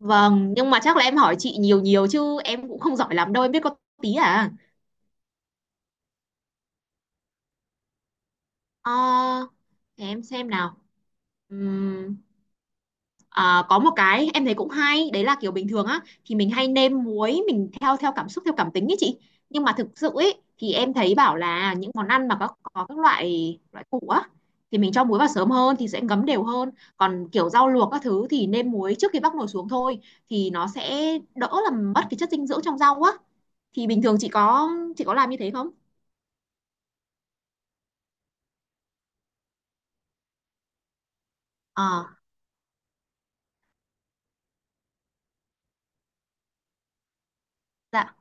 Vâng, nhưng mà chắc là em hỏi chị nhiều nhiều chứ em cũng không giỏi lắm đâu, em biết có tí à. Ờ, để em xem nào. Ừm, có một cái em thấy cũng hay, đấy là kiểu bình thường á thì mình hay nêm muối mình theo theo cảm xúc theo cảm tính ấy chị. Nhưng mà thực sự ấy thì em thấy bảo là những món ăn mà có các loại loại củ á thì mình cho muối vào sớm hơn thì sẽ ngấm đều hơn. Còn kiểu rau luộc các thứ thì nêm muối trước khi bắc nồi xuống thôi thì nó sẽ đỡ làm mất cái chất dinh dưỡng trong rau á. Thì bình thường chị có làm như thế không? Ờ, dạ.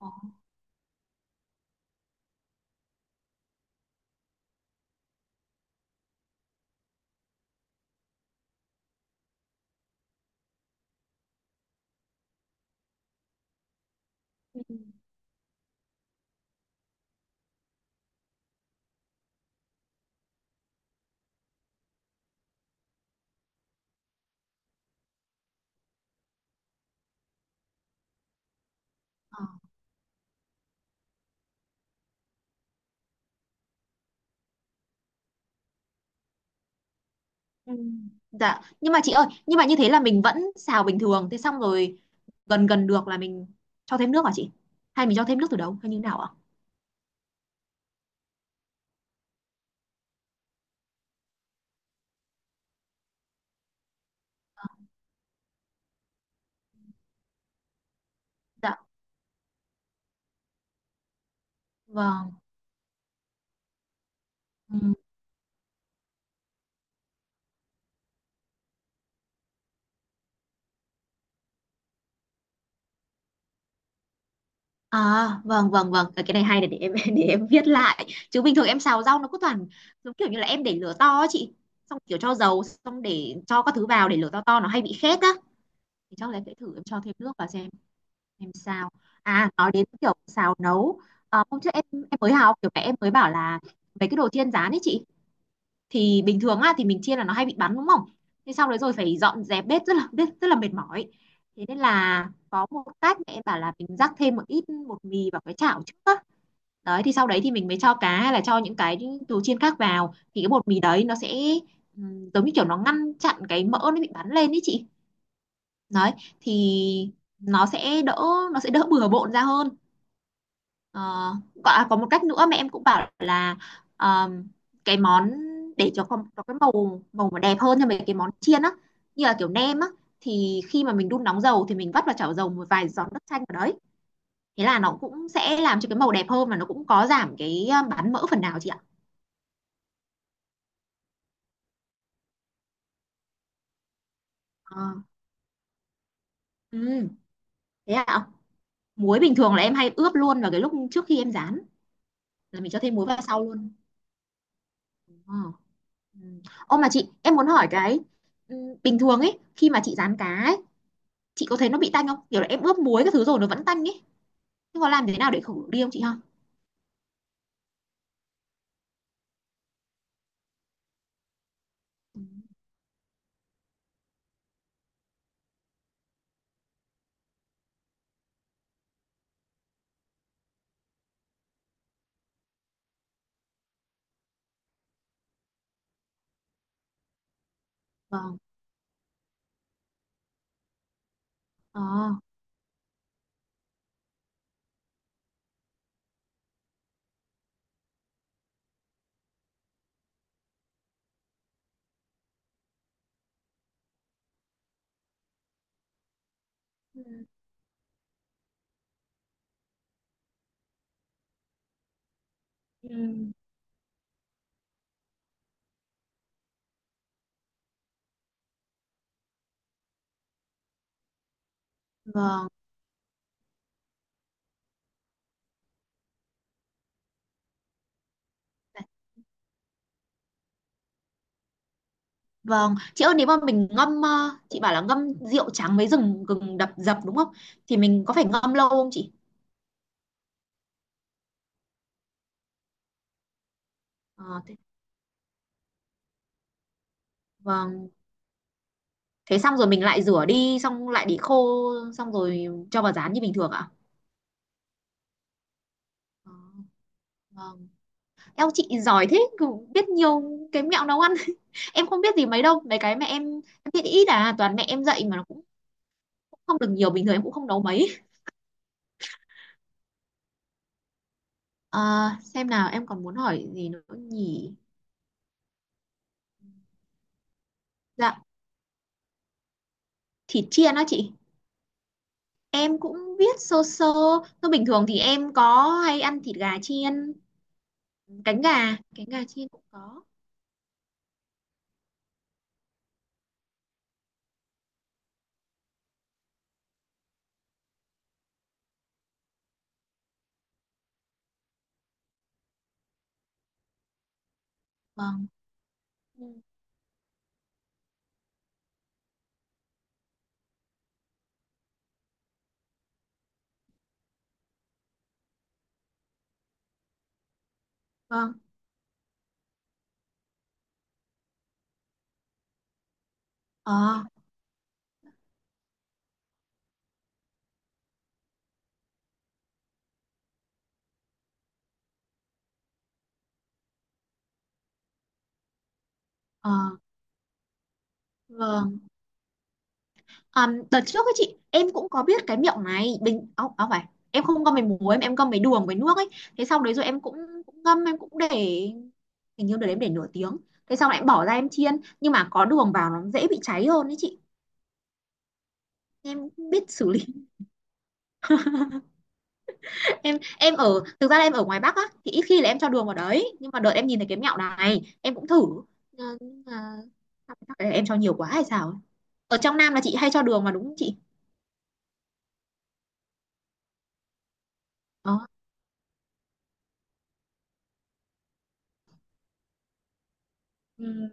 Có. Ừ. Ừ. Dạ, nhưng mà chị ơi, nhưng mà như thế là mình vẫn xào bình thường, thế xong rồi gần gần được là mình cho thêm nước hả chị? Hay mình cho thêm nước từ đầu hay như thế nào ạ? Dạ, vâng. Ừ. À, vâng vâng vâng, Ờ, cái này hay này để em để em viết lại. Chứ bình thường em xào rau nó cứ toàn giống kiểu như là em để lửa to á chị, xong kiểu cho dầu, xong để cho các thứ vào để lửa to nó hay bị khét á. Thì chắc là em sẽ thử em cho thêm nước vào xem em sao. À, nói đến kiểu xào nấu, à hôm trước em mới học kiểu mẹ em mới bảo là mấy cái đồ chiên rán ấy chị thì bình thường á thì mình chiên là nó hay bị bắn đúng không, thế xong đấy rồi phải dọn dẹp bếp rất là mệt mỏi. Thế nên là có một cách mẹ em bảo là mình rắc thêm một ít bột mì vào cái chảo trước á, đấy thì sau đấy thì mình mới cho cá hay là cho những cái đồ chiên khác vào thì cái bột mì đấy nó sẽ giống như kiểu nó ngăn chặn cái mỡ nó bị bắn lên ý chị, đấy thì nó sẽ đỡ nó sẽ đỡ bừa bộn ra hơn. Ờ, có có một cách nữa mà em cũng bảo là ờm, cái món để cho con có cái màu màu mà đẹp hơn cho mấy cái món chiên á, như là kiểu nem á, thì khi mà mình đun nóng dầu thì mình vắt vào chảo dầu một vài giọt nước chanh vào đấy, thế là nó cũng sẽ làm cho cái màu đẹp hơn và nó cũng có giảm cái bán mỡ phần nào chị ạ. Ờ, ừ, thế ạ. Muối bình thường là em hay ướp luôn vào cái lúc trước khi em rán là mình cho thêm muối vào sau luôn. Ờ, ừ. Ô mà chị em muốn hỏi cái, ừ, bình thường ấy khi mà chị rán cá ấy chị có thấy nó bị tanh không, kiểu là em ướp muối các thứ rồi nó vẫn tanh ấy, nhưng mà làm thế nào để khử đi không chị ha? Vâng. Ờ. Ừ. Ừ. vâng vâng chị ơi, nếu mà mình ngâm chị bảo là ngâm rượu trắng với gừng, đập dập đúng không, thì mình có phải ngâm lâu không chị? Ờ, thế, vâng, thế xong rồi mình lại rửa đi xong lại để khô xong rồi cho vào rán như bình thường ạ. Ờ, vâng. Eo chị giỏi thế cứ biết nhiều cái mẹo nấu ăn em không biết gì mấy đâu, mấy cái mẹ em biết ít à, toàn mẹ em dạy mà nó cũng không được nhiều, bình thường em cũng không nấu mấy. Ờ, xem nào em còn muốn hỏi gì nữa nhỉ. Dạ, thịt chiên đó chị, em cũng biết sơ sơ. Thôi bình thường thì em có hay ăn thịt gà chiên, cánh gà, chiên cũng có. Vâng. Ừ. Vâng. Ờ. Ờ. Vâng. Đợt trước ấy chị em cũng có biết cái miệng này bình áo áo phải, em không ngâm với muối, em ngâm với đường với nước ấy, thế sau đấy rồi em cũng, cũng ngâm em cũng để, hình như đợt đấy em để nửa tiếng, thế sau lại em bỏ ra em chiên, nhưng mà có đường vào nó dễ bị cháy hơn đấy chị, em không biết xử lý. Em ở thực ra là em ở ngoài Bắc á thì ít khi là em cho đường vào đấy, nhưng mà đợt em nhìn thấy cái mẹo này em cũng thử. Ờ, nhưng mà chắc là em cho nhiều quá hay sao ấy. Ở trong Nam là chị hay cho đường mà đúng không chị? Ờ. Ừ.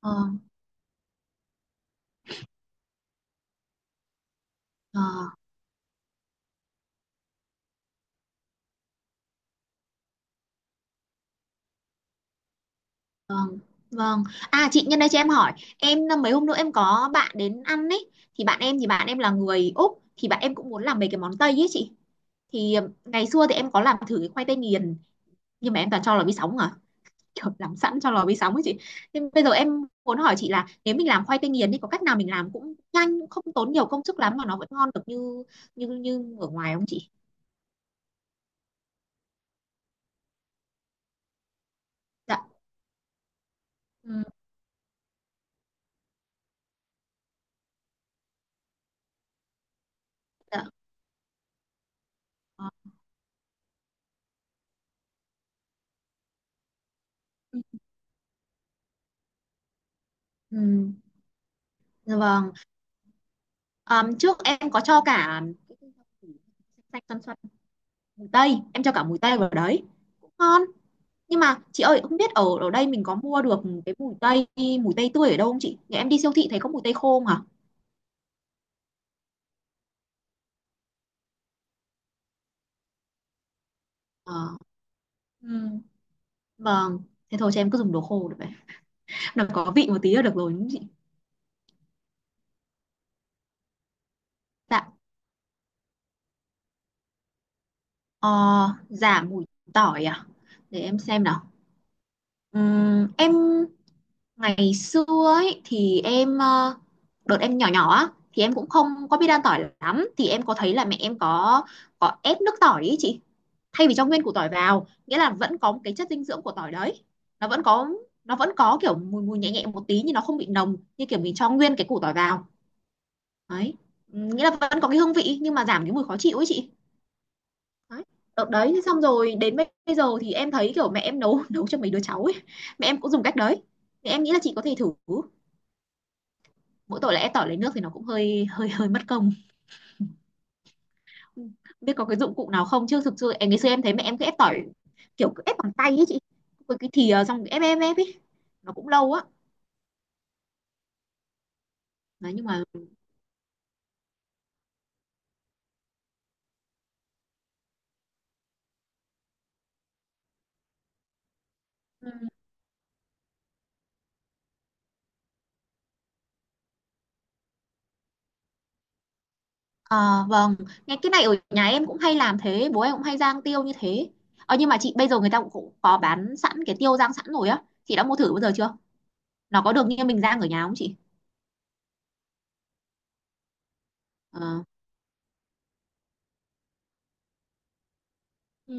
Ờ. Ờ. Vâng, vâng. À chị nhân đây cho em hỏi, em mấy hôm nữa em có bạn đến ăn ấy, thì bạn em là người Úc, thì bạn em cũng muốn làm mấy cái món Tây ấy chị. Thì ngày xưa thì em có làm thử cái khoai tây nghiền, nhưng mà em toàn cho lò vi sóng à. Kiểu làm sẵn cho lò vi sóng ấy chị. Nhưng bây giờ em muốn hỏi chị là nếu mình làm khoai tây nghiền thì có cách nào mình làm cũng nhanh, cũng không tốn nhiều công sức lắm mà nó vẫn ngon được như như như ở ngoài không chị? Dạ. Ừ, dạ. Ờ, Ừ, ừ, dạ vâng. Ờ, trước em có cho cả xanh xanh xoăn tây, em cho cả mùi tây vào đấy cũng ngon, nhưng mà chị ơi không biết ở ở đây mình có mua được cái mùi tây tươi ở đâu không chị, nhà em đi siêu thị thấy có mùi tây khô mà. Ờ. Ừm, vâng, thế thôi cho em cứ dùng đồ khô được vậy, nó có vị một tí là được rồi đúng không chị? Dạ. Ờ, giảm mùi tỏi à, để em xem nào. Em ngày xưa ấy thì em đợt em nhỏ nhỏ á thì em cũng không có biết ăn tỏi lắm, thì em có thấy là mẹ em có ép nước tỏi ý chị, thay vì cho nguyên củ tỏi vào, nghĩa là vẫn có cái chất dinh dưỡng của tỏi đấy, nó vẫn có nó vẫn có kiểu mùi mùi nhẹ nhẹ một tí nhưng nó không bị nồng như kiểu mình cho nguyên cái củ tỏi vào đấy. Ừ, nghĩa là vẫn có cái hương vị nhưng mà giảm cái mùi khó chịu ấy chị, đấy. Đấy xong rồi đến bây bây giờ thì em thấy kiểu mẹ em nấu nấu cho mấy đứa cháu ấy, mẹ em cũng dùng cách đấy, thì em nghĩ là chị có thể thử. Mỗi tội là ép tỏi lấy nước thì nó cũng hơi hơi hơi mất công. Ừ. Biết có cái dụng cụ nào không chứ thực sự em ngày xưa em thấy mẹ em cứ ép tỏi, kiểu cứ ép bằng tay ấy chị, với cái thìa xong ép ép ép ấy, nó cũng lâu á, đấy nhưng mà. Ừ. À, vâng, nghe cái này ở nhà em cũng hay làm thế, bố em cũng hay rang tiêu như thế. Ờ nhưng mà chị bây giờ người ta cũng cũng có bán sẵn cái tiêu rang sẵn rồi á chị, đã mua thử bao giờ chưa, nó có được như mình rang ở nhà không chị? Ờ. Ừ.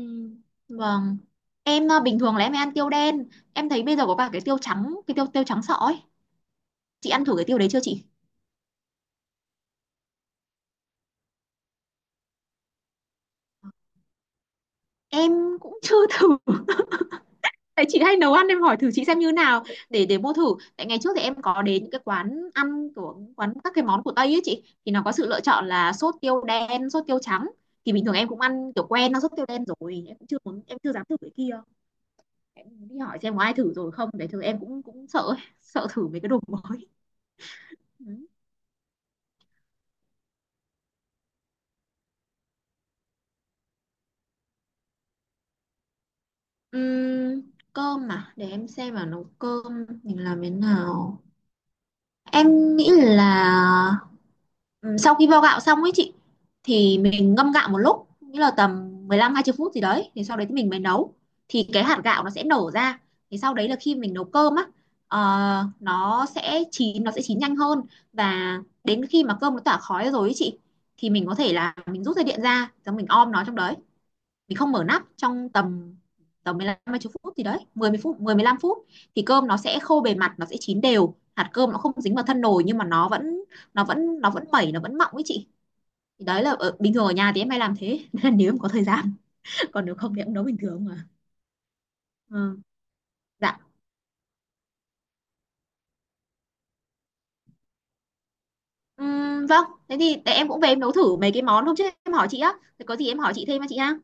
Vâng. Em à, bình thường là em hay ăn tiêu đen. Em thấy bây giờ có cả cái tiêu trắng, cái tiêu tiêu trắng sọ ấy. Chị ăn thử cái tiêu đấy chưa chị? Em cũng chưa thử, tại chị hay nấu ăn em hỏi thử chị xem như nào, để mua thử. Tại ngày trước thì em có đến những cái quán ăn của quán các cái món của Tây ấy chị, thì nó có sự lựa chọn là sốt tiêu đen sốt tiêu trắng, thì bình thường em cũng ăn kiểu quen nó sốt tiêu đen rồi, em cũng chưa muốn em chưa dám thử cái kia, em đi hỏi xem có ai thử rồi không để thử, em cũng cũng sợ ấy, sợ thử mấy cái đồ mới. Ừ. Ừm, cơm mà để em xem mà nấu cơm mình làm thế nào, em nghĩ là, ừ, sau khi vo gạo xong ấy chị thì mình ngâm gạo một lúc, nghĩa là tầm 15 hai 20 phút gì đấy thì sau đấy thì mình mới nấu, thì cái hạt gạo nó sẽ nở ra, thì sau đấy là khi mình nấu cơm á, ờ, nó sẽ chín nhanh hơn, và đến khi mà cơm nó tỏa khói rồi ấy chị thì mình có thể là mình rút dây điện ra rồi mình om nó trong đấy, mình không mở nắp trong tầm tầm 15 20 phút, thì đấy 10 phút, 10 15 phút, thì cơm nó sẽ khô bề mặt, nó sẽ chín đều, hạt cơm nó không dính vào thân nồi nhưng mà nó vẫn nó vẫn mẩy, nó vẫn mọng ấy chị. Thì đấy là ở, bình thường ở nhà thì em hay làm thế. Nên là nếu em có thời gian còn nếu không thì em nấu bình thường mà. Ừ. Dạ. Vâng thế thì để em cũng về em nấu thử mấy cái món hôm trước em hỏi chị á, thì có gì em hỏi chị thêm á chị ha.